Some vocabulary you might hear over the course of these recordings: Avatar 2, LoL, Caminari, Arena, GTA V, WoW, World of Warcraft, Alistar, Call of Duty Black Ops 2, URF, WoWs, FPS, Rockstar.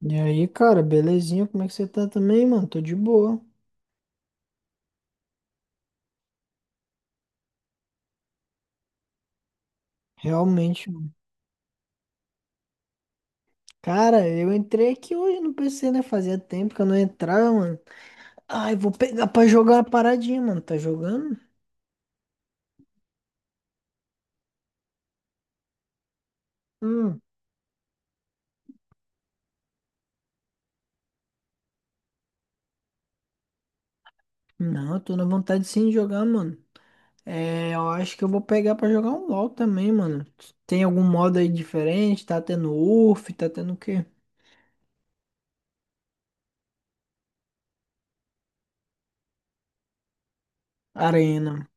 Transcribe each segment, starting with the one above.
E aí, cara, belezinha? Como é que você tá também, mano? Tô de boa. Realmente, mano. Cara, eu entrei aqui hoje no PC, né? Fazia tempo que eu não entrava, mano. Ai, vou pegar pra jogar uma paradinha, mano. Tá jogando? Hum. Não, eu tô na vontade sim de jogar, mano. É, eu acho que eu vou pegar pra jogar um LoL também, mano. Tem algum modo aí diferente? Tá tendo URF? Tá tendo o quê? Arena.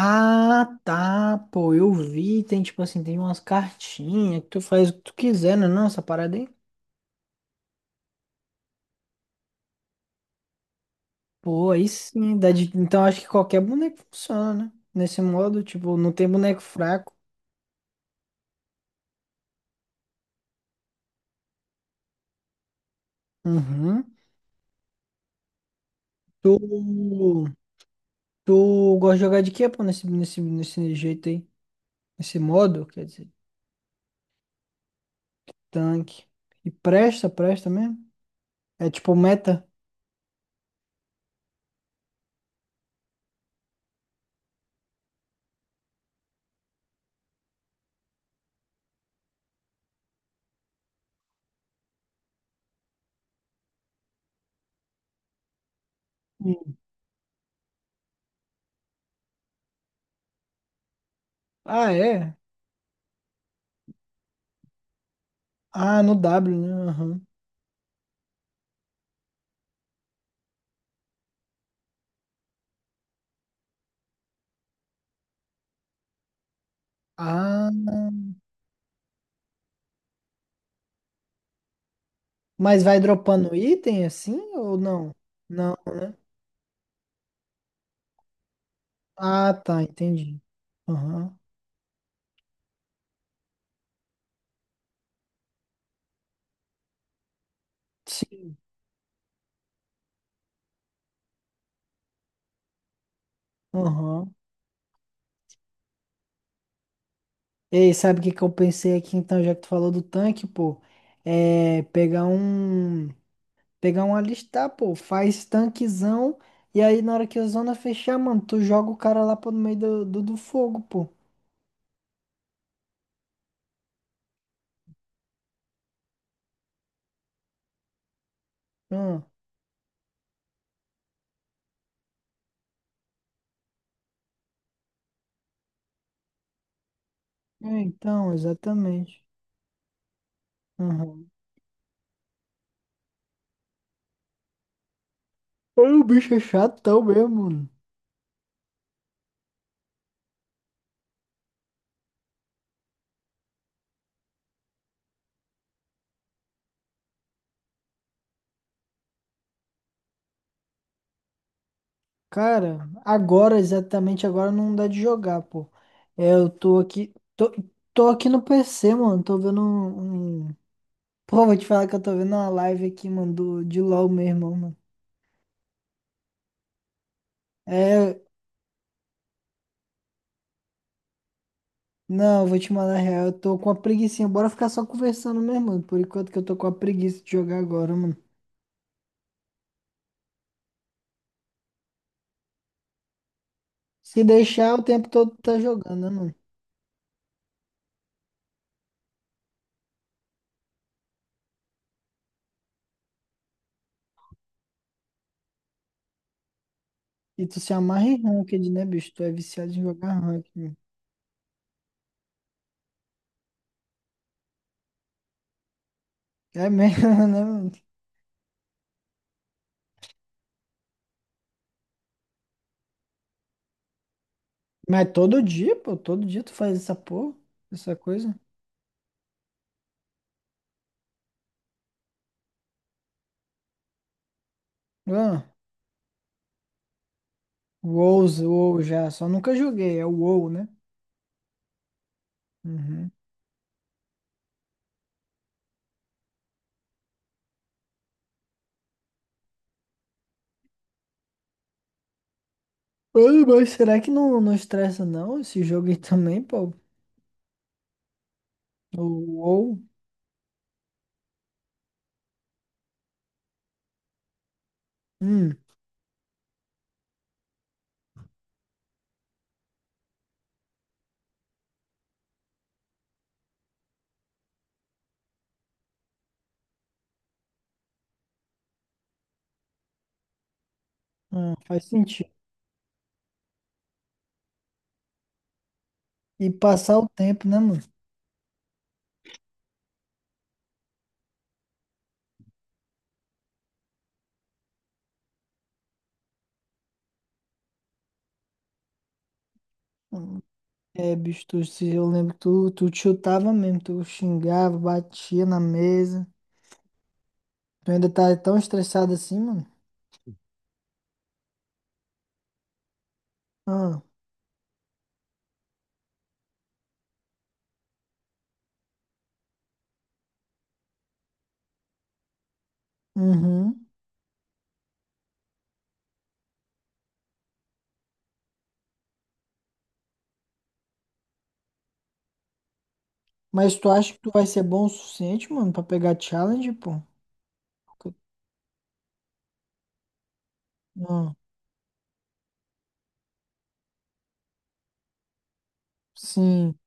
Ah, tá, pô, eu vi, tem tipo assim, tem umas cartinhas que tu faz o que tu quiser, né? Não, essa parada aí. Pô, aí sim, dá de- então acho que qualquer boneco funciona, né? Nesse modo, tipo, não tem boneco fraco. Uhum. Tu, tu gosta de jogar de quê, pô, nesse jeito aí? Nesse modo, quer dizer, tanque. E presta mesmo? É tipo meta? Hum. Ah, é? Ah, no W, né? Aham. Ah, mas vai dropando item assim ou não? Não, né? Ah, tá, entendi. Aham. Sim. Aham. Ei, sabe o que que eu pensei aqui então, já que tu falou do tanque, pô? É pegar um. Pegar um alistar, pô. Faz tanquezão. E aí, na hora que a zona fechar, mano, tu joga o cara lá pro meio do fogo, pô. Ah, é, então, exatamente. Aham. Aí o bicho é chatão mesmo, mano. Cara, agora, exatamente agora, não dá de jogar, pô. É, eu tô aqui. Tô aqui no PC, mano. Tô vendo um Pô, vou te falar que eu tô vendo uma live aqui, mano, do, de LOL mesmo, mano. É, não, vou te mandar real, eu tô com uma preguicinha. Bora ficar só conversando mesmo, mano. Por enquanto que eu tô com a preguiça de jogar agora, mano. Se deixar, o tempo todo tu tá jogando, né, mano? E tu se amarra em ranked, né, bicho? Tu é viciado em jogar ranked, mano. É mesmo, né, mano? Mas todo dia, pô, todo dia tu faz essa porra, essa coisa. Ah, WoWs, WoW já, só nunca joguei, é o WoW, né? Uhum. Ai mas será que não, não estressa não esse jogo aí também, pô? Ou- hum, faz sentido. E passar o tempo, né, mano? Hum, É, bicho, tu, se eu lembro que tu, tu te chutava mesmo, tu xingava, batia na mesa. Tu ainda tá tão estressado assim, mano? Ah, uhum. Mas tu acha que tu vai ser bom o suficiente, mano, pra pegar challenge, pô? Não, sim.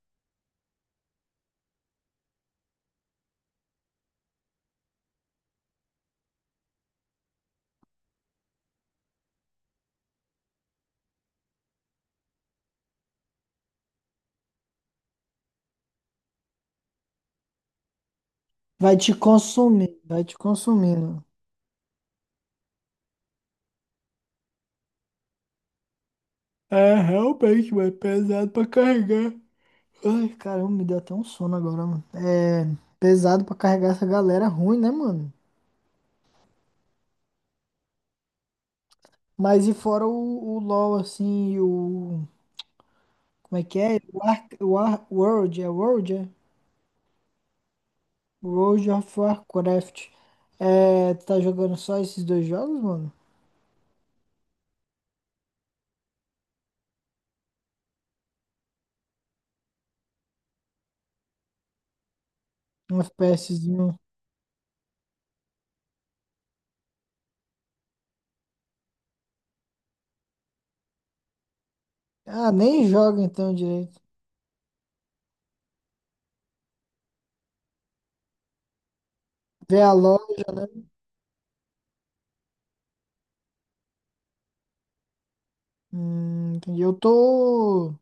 Vai te consumir, vai te consumindo. É, realmente, mano, é pesado pra carregar. Ai, caramba, me deu até um sono agora, mano. É pesado pra carregar essa galera ruim, né, mano? Mas e fora o LoL, assim, e o. Como é que é? O Ark, o Ar, World, é World, é? World of Warcraft. É, tu tá jogando só esses dois jogos, mano? Um FPSzinho. Ah, nem joga então direito. VA LoL. Entendi. Eu tô.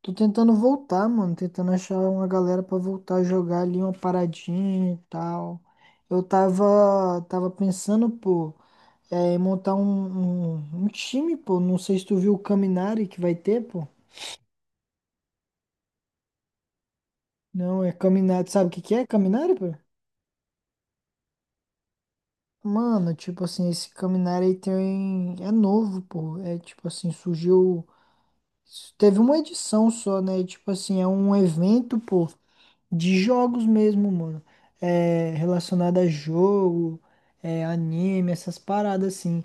Tô tentando voltar, mano. Tentando achar uma galera pra voltar a jogar ali uma paradinha e tal. Eu tava pensando, pô, é, em montar um time, pô. Não sei se tu viu o Caminari que vai ter, pô. Não, é Caminari. Sabe o que que é Caminari, pô? Mano, tipo assim, esse Caminari aí tem, é novo, pô. É tipo assim, surgiu. Teve uma edição só, né? E, tipo assim, é um evento, pô. De jogos mesmo, mano. É, relacionado a jogo, é, anime, essas paradas assim.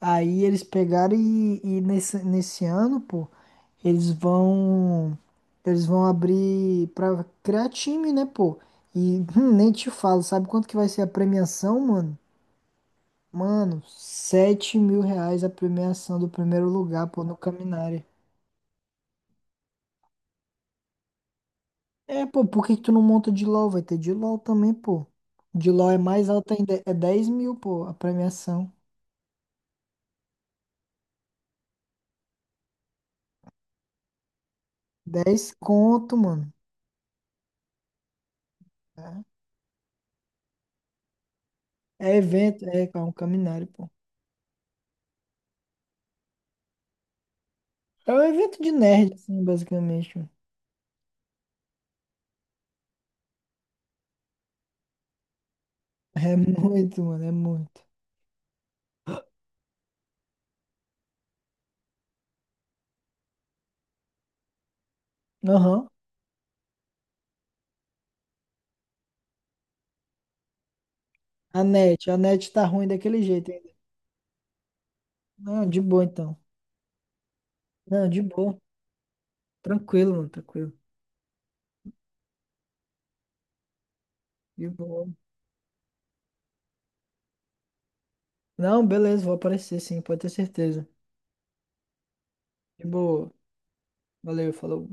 Aí eles pegaram e nesse ano, pô, eles vão. Eles vão abrir pra criar time, né, pô? E nem te falo, sabe quanto que vai ser a premiação, mano? Mano, R$ 7.000 a premiação do primeiro lugar, pô, no Caminari. É, pô, por que que tu não monta de LOL? Vai ter de LOL também, pô. De LOL é mais alta ainda, é 10 mil, pô, a premiação. 10 conto, mano. É é evento, é, é um caminário, pô. É um evento de nerd, assim, basicamente, mano. É muito, mano, é muito. Aham. A net tá ruim daquele jeito ainda. Não, de boa então. Não, de boa. Tranquilo, mano, tranquilo. De boa. Não, beleza, vou aparecer sim, pode ter certeza. De boa. Valeu, falou.